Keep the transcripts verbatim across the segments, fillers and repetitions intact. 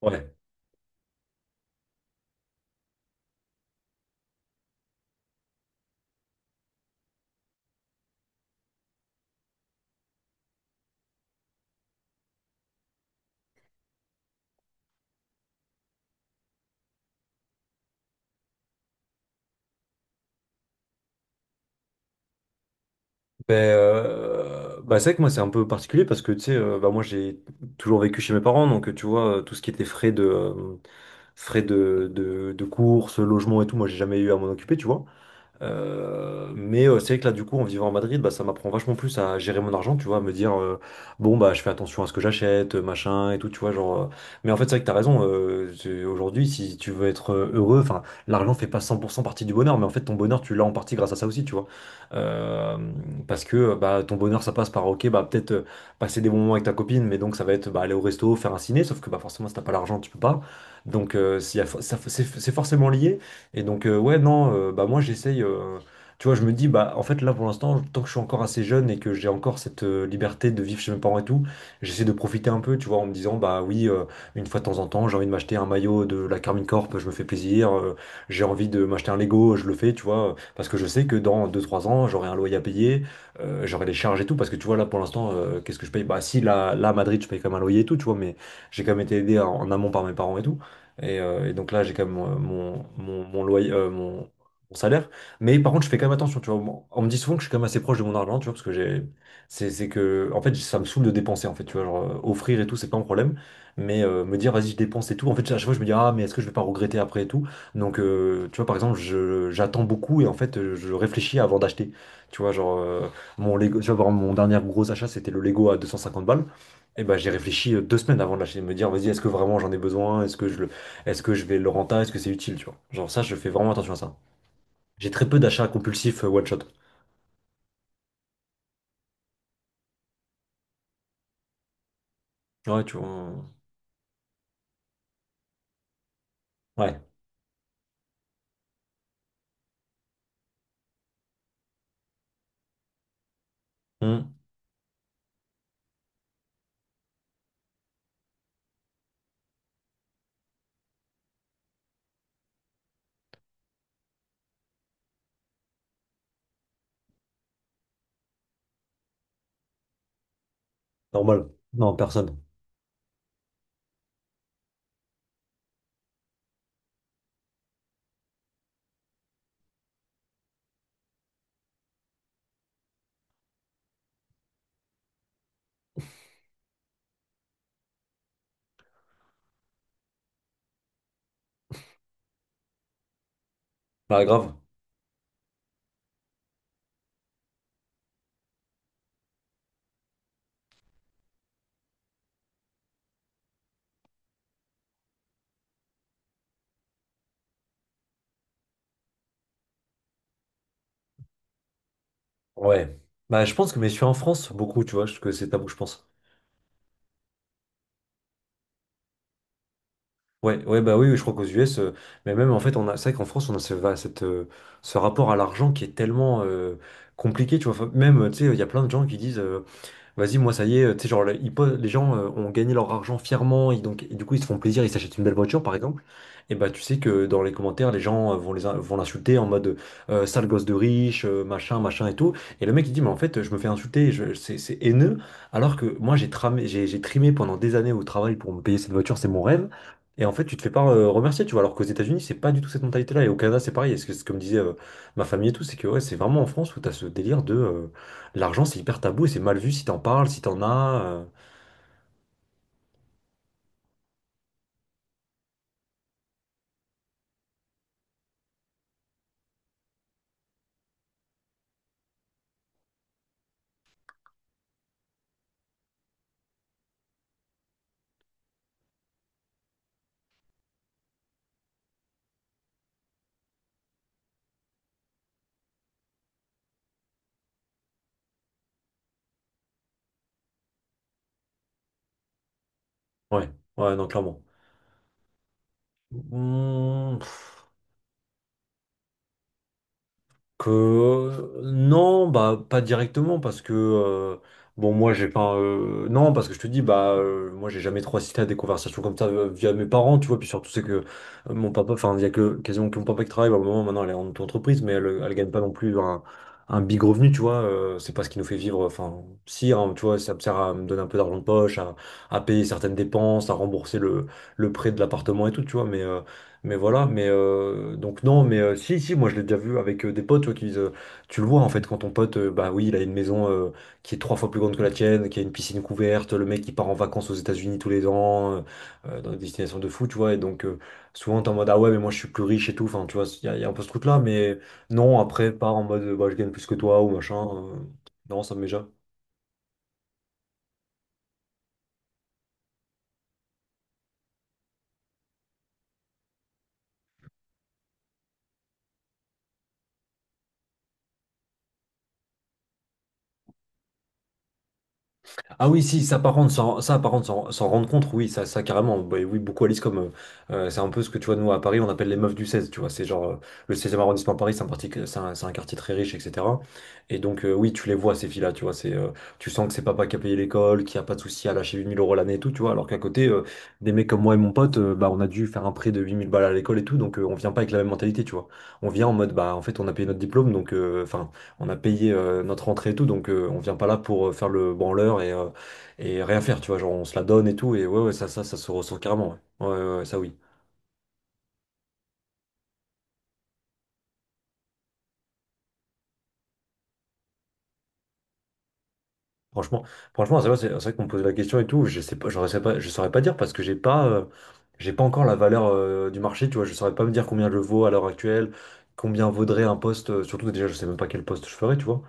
Ouais. Ben, euh, bah, c'est vrai que moi c'est un peu particulier parce que tu sais, euh, bah, moi j'ai toujours vécu chez mes parents, donc euh, tu vois, euh, tout ce qui était frais de euh, frais de, de, de courses, logement et tout, moi j'ai jamais eu à m'en occuper, tu vois. Euh, mais euh, c'est vrai que là, du coup, en vivant à Madrid, bah, ça m'apprend vachement plus à gérer mon argent, tu vois, à me dire, euh, bon, bah, je fais attention à ce que j'achète, euh, machin, et tout, tu vois, genre. euh, mais en fait, c'est vrai que t'as raison, euh, c'est- aujourd'hui, si tu veux être euh, heureux, enfin, l'argent fait pas cent pour cent partie du bonheur, mais en fait, ton bonheur, tu l'as en partie grâce à ça aussi, tu vois. Euh, Parce que, euh, bah, ton bonheur, ça passe par, ok, bah, peut-être euh, passer des bons moments avec ta copine, mais donc, ça va être, bah, aller au resto, faire un ciné, sauf que, bah, forcément, si t'as pas l'argent, tu peux pas. Donc, euh, s'il y a fo- ça- c'est c'est forcément lié. Et donc, euh, ouais, non, euh, bah moi j'essaye. euh, Tu vois, je me dis, bah en fait, là pour l'instant, tant que je suis encore assez jeune et que j'ai encore cette euh, liberté de vivre chez mes parents et tout, j'essaie de profiter un peu, tu vois, en me disant, bah oui, euh, une fois de temps en temps, j'ai envie de m'acheter un maillot de la Carmine Corp, je me fais plaisir. euh, J'ai envie de m'acheter un Lego, je le fais, tu vois, parce que je sais que dans deux trois ans, j'aurai un loyer à payer, euh, j'aurai des charges et tout, parce que tu vois, là pour l'instant, euh, qu'est-ce que je paye? Bah si, là, là, à Madrid, je paye quand même un loyer et tout, tu vois, mais j'ai quand même été aidé en en amont par mes parents et tout. Et, euh, et donc là, j'ai quand même euh, mon, mon, mon loyer, euh, mon, mon salaire. Mais par contre, je fais quand même attention, tu vois. On on me dit souvent que je suis quand même assez proche de mon argent, tu vois, parce que j'ai, c'est, c'est que, en fait, ça me saoule de dépenser, en fait, tu vois, genre, euh, offrir et tout, c'est pas un problème. Mais euh, me dire, vas-y, je dépense et tout, en fait, à chaque fois, je me dis, ah, mais est-ce que je vais pas regretter après et tout? Donc, euh, tu vois, par exemple, je, j'attends beaucoup et en fait, euh, je réfléchis avant d'acheter. Tu vois, genre, euh, mon Lego, tu vois, par exemple, mon dernier gros achat, c'était le Lego à deux cent cinquante balles. Et ben, j'ai réfléchi euh, deux semaines avant de l'acheter, de me dire, vas-y, est-ce que vraiment j'en ai besoin? Est-ce que je le est-ce que je vais le rentabiliser? Est-ce que c'est utile, tu vois? Genre ça, je fais vraiment attention à ça. J'ai très peu d'achats compulsifs euh, one shot. Ouais, tu vois. Ouais. Hmm. Normal. Non, personne. Bah grave. Ouais. Bah je pense que mais je suis en France beaucoup, tu vois, je- que c'est tabou, je pense. Ouais, ouais, bah oui, oui, je crois qu'aux U S, euh, mais même en fait, on a, c'est vrai qu'en France, on a ce, va- cette, euh, ce rapport à l'argent qui est tellement euh, compliqué, tu vois. Enfin, même, euh, tu sais, il y a plein de gens qui disent. euh, Vas-y, moi, ça y est, euh, tu sais, genre, les ils po- les gens euh, ont gagné leur argent fièrement, et donc, et du coup, ils se font plaisir, ils s'achètent une belle voiture, par exemple. Et bah, tu sais que dans les commentaires, les gens euh, vont les, in- vont l'insulter en mode euh, sale gosse de riche, euh, machin, machin et tout. Et le mec, il dit, mais en fait, je me fais insulter, je- c'est c'est haineux, alors que moi, j'ai tramé, j'ai j'ai trimé pendant des années au travail pour me payer cette voiture, c'est mon rêve. Et en fait, tu te fais pas euh, remercier, tu vois, alors qu'aux États-Unis, c'est pas du tout cette mentalité-là. Et au Canada, c'est pareil. Et c'est ce que, ce que me disait euh, ma famille et tout, c'est que ouais, c'est vraiment en France où t'as ce délire de. euh, L'argent, c'est hyper tabou et c'est mal vu si t'en parles, si t'en as. euh, Ouais, ouais, non, clairement. Mmh, pff, Que euh, non, bah pas directement parce que euh, bon moi j'ai pas euh, non parce que je te dis bah euh, moi j'ai jamais trop assisté à des conversations comme ça euh, via mes parents tu vois puis surtout c'est que euh, mon papa enfin il y a que quasiment que mon papa qui travaille bah, au moment maintenant elle est en auto-entreprise mais elle, elle gagne pas non plus un, un big revenu tu vois euh, C'est pas ce qui nous fait vivre enfin si hein, tu vois ça me sert à me donner un peu d'argent de poche à, à payer certaines dépenses à rembourser le, le prêt de l'appartement et tout tu vois mais euh, mais voilà, mais euh, donc non, mais euh, si, si, moi je l'ai déjà vu avec euh, des potes, tu vois, qui disent, euh, tu le vois en fait, quand ton pote, euh, bah oui, il a une maison euh, qui est trois fois plus grande que la tienne, qui a une piscine couverte, le mec il part en vacances aux États-Unis tous les ans, euh, euh, dans des destinations de fou, tu vois, et donc euh, souvent t'es en mode, ah ouais, mais moi je suis plus riche et tout, enfin, tu vois, il y, a il y a un peu ce truc-là, mais non, après, pas en mode, bah je gagne plus que toi ou machin, euh, non, ça me met jamais. Ah oui, si, ça par contre, s'en- ça, par contre, s'en s'en rendre compte, oui, ça, ça carrément, bah, oui, beaucoup à l'I S comme, euh, euh, c'est un peu ce que tu vois, nous, à Paris, on appelle les meufs du seize, tu vois, c'est genre, euh, le seizième arrondissement à Paris, c'est un, parti- c'est un, c'est un quartier très riche, et cetera. Et donc, euh, oui, tu les vois, ces filles-là, tu vois, c'est, euh, tu sens que c'est papa qui a payé l'école, qui a pas de souci à lâcher huit mille euros l'année et tout, tu vois, alors qu'à côté, euh, des mecs comme moi et mon pote, euh, bah, on a dû faire un prêt de huit mille balles à l'école et tout, donc, euh, on vient pas avec la même mentalité, tu vois. On vient en mode, bah, en fait, on a payé notre diplôme, donc, euh, enfin, on a payé euh, notre entrée et tout, donc, euh, on vient pas là pour euh, faire le branleur et, euh, et rien faire, tu vois, genre on se la donne et tout, et ouais, ouais, ça, ça, ça se ressent carrément, ouais, ouais, ouais, ouais, ça oui. Franchement, franchement, c'est vrai, c'est c'est vrai qu'on me pose la question et tout. Je sais pas, j'aurais sais pas, je saurais pas dire parce que j'ai pas, euh, j'ai pas encore la valeur euh, du marché. Tu vois, je saurais pas me dire combien je vaux à l'heure actuelle, combien vaudrait un poste. euh, Surtout déjà, je sais même pas quel poste je ferais, tu vois.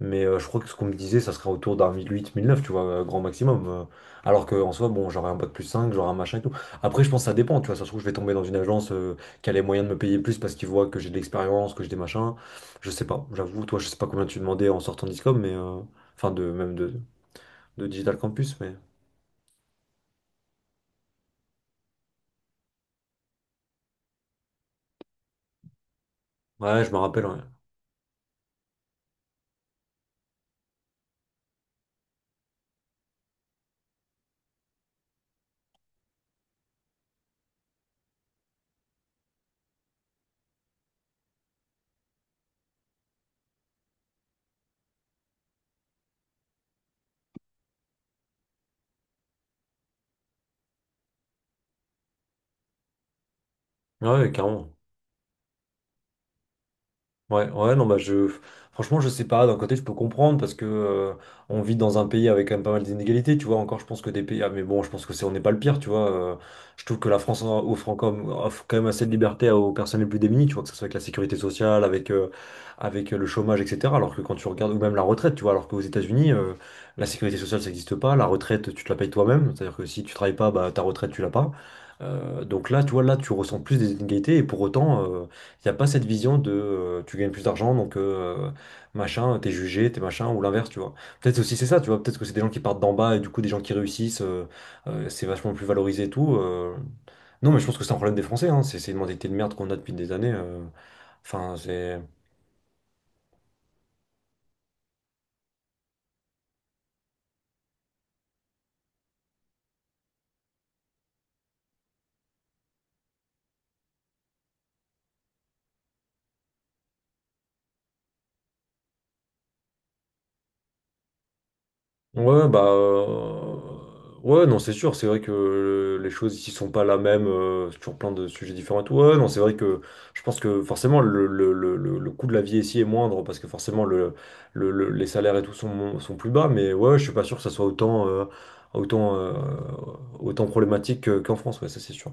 Mais euh, je crois que ce qu'on me disait, ça serait autour d'un mille huit, mille neuf. tu vois, euh, grand maximum. euh, Alors que en soi, bon, j'aurais un bac plus cinq, j'aurais un machin et tout. Après, je pense que ça dépend, tu vois. Ça se trouve, je vais tomber dans une agence euh, qui a les moyens de me payer plus parce qu'ils voient que j'ai de l'expérience, que j'ai des machins. Je sais pas, j'avoue. Toi, je sais pas combien tu demandais en sortant d'ISCOM, mais. euh, Enfin, de, même de, de Digital Campus, mais. Ouais, je me rappelle, ouais. Ouais, ouais, carrément. Ouais, ouais, non, bah je. Franchement, je sais pas. D'un côté, je peux comprendre parce que euh, on vit dans un pays avec quand même pas mal d'inégalités, tu vois. Encore, je pense que des pays. Ah, mais bon, je pense que c'est on n'est pas le pire, tu vois. euh, Je trouve que la France en- offre encore- offre quand même assez de liberté aux personnes les plus démunies, tu vois, que ce soit avec la sécurité sociale, avec, euh, avec euh, le chômage, et cetera. Alors que quand tu regardes, ou même la retraite, tu vois, alors qu'aux États-Unis, euh, la sécurité sociale, ça n'existe pas. La retraite, tu te la payes toi-même. C'est-à-dire que si tu travailles pas, bah ta retraite, tu l'as pas. Euh, donc là, tu vois, là, tu ressens plus des inégalités et pour autant. euh, Il n'y a pas cette vision de euh, tu gagnes plus d'argent, donc euh, machin, t'es jugé, t'es machin, ou l'inverse, tu vois. Peut-être aussi c'est ça, tu vois, peut-être que c'est des gens qui partent d'en bas et du coup des gens qui réussissent, euh, euh, c'est vachement plus valorisé et tout. euh. Non, mais je pense que c'est un problème des Français, hein. C'est c'est une mentalité de merde qu'on a depuis des années. euh. Enfin, c'est. Ouais, bah. euh, Ouais, non, c'est sûr. C'est vrai que euh, les choses ici sont pas la même euh, sur plein de sujets différents et tout. Ouais, non, c'est vrai que je pense que forcément le, le, le, le- le coût de la vie ici est moindre parce que forcément le, le, le- les salaires et tout sont, mon- sont plus bas. Mais ouais, je suis pas sûr que ça soit autant, euh, autant, euh, autant problématique que- qu'en France. Ouais, ça, c'est sûr.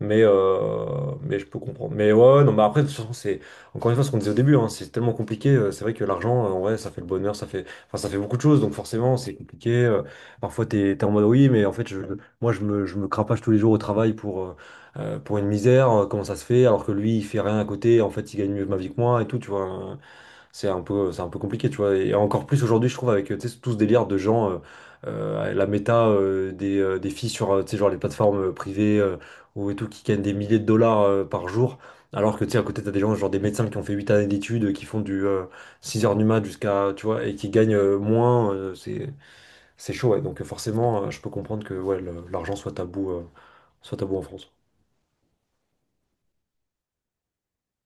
Mais, euh, mais je peux comprendre. Mais ouais, ouais, non, mais après, de toute façon, c'est encore une fois ce qu'on disait au début, hein, c'est tellement compliqué. euh, C'est vrai que l'argent, euh, en vrai, ça fait le bonheur, ça fait, enfin, ça fait beaucoup de choses, donc forcément, c'est compliqué. euh, Parfois, t'es, t'es en mode oui, mais en fait, je, moi, je me, je me crapache tous les jours au travail pour, euh, euh, pour une misère. euh, Comment ça se fait? Alors que lui, il fait rien à côté, en fait, il gagne mieux ma vie que moi et tout, tu vois. Hein. C'est un peu, c'est un peu compliqué, tu vois. Et encore plus aujourd'hui, je trouve, avec tu sais, tout ce délire de gens, euh, euh, la méta euh, des, euh, des filles sur euh, tu sais, genre les plateformes euh, privées euh, ou et tout, qui gagnent des milliers de dollars euh, par jour. Alors que tu sais, à côté, t'as des gens, genre des médecins qui ont fait huit années d'études, euh, qui font du euh, six heures du mat jusqu'à, tu vois, et qui gagnent euh, moins. euh, c'est, c'est chaud, ouais. Donc euh, forcément, euh, je peux comprendre que ouais, le- l'argent soit tabou, euh, soit tabou en France.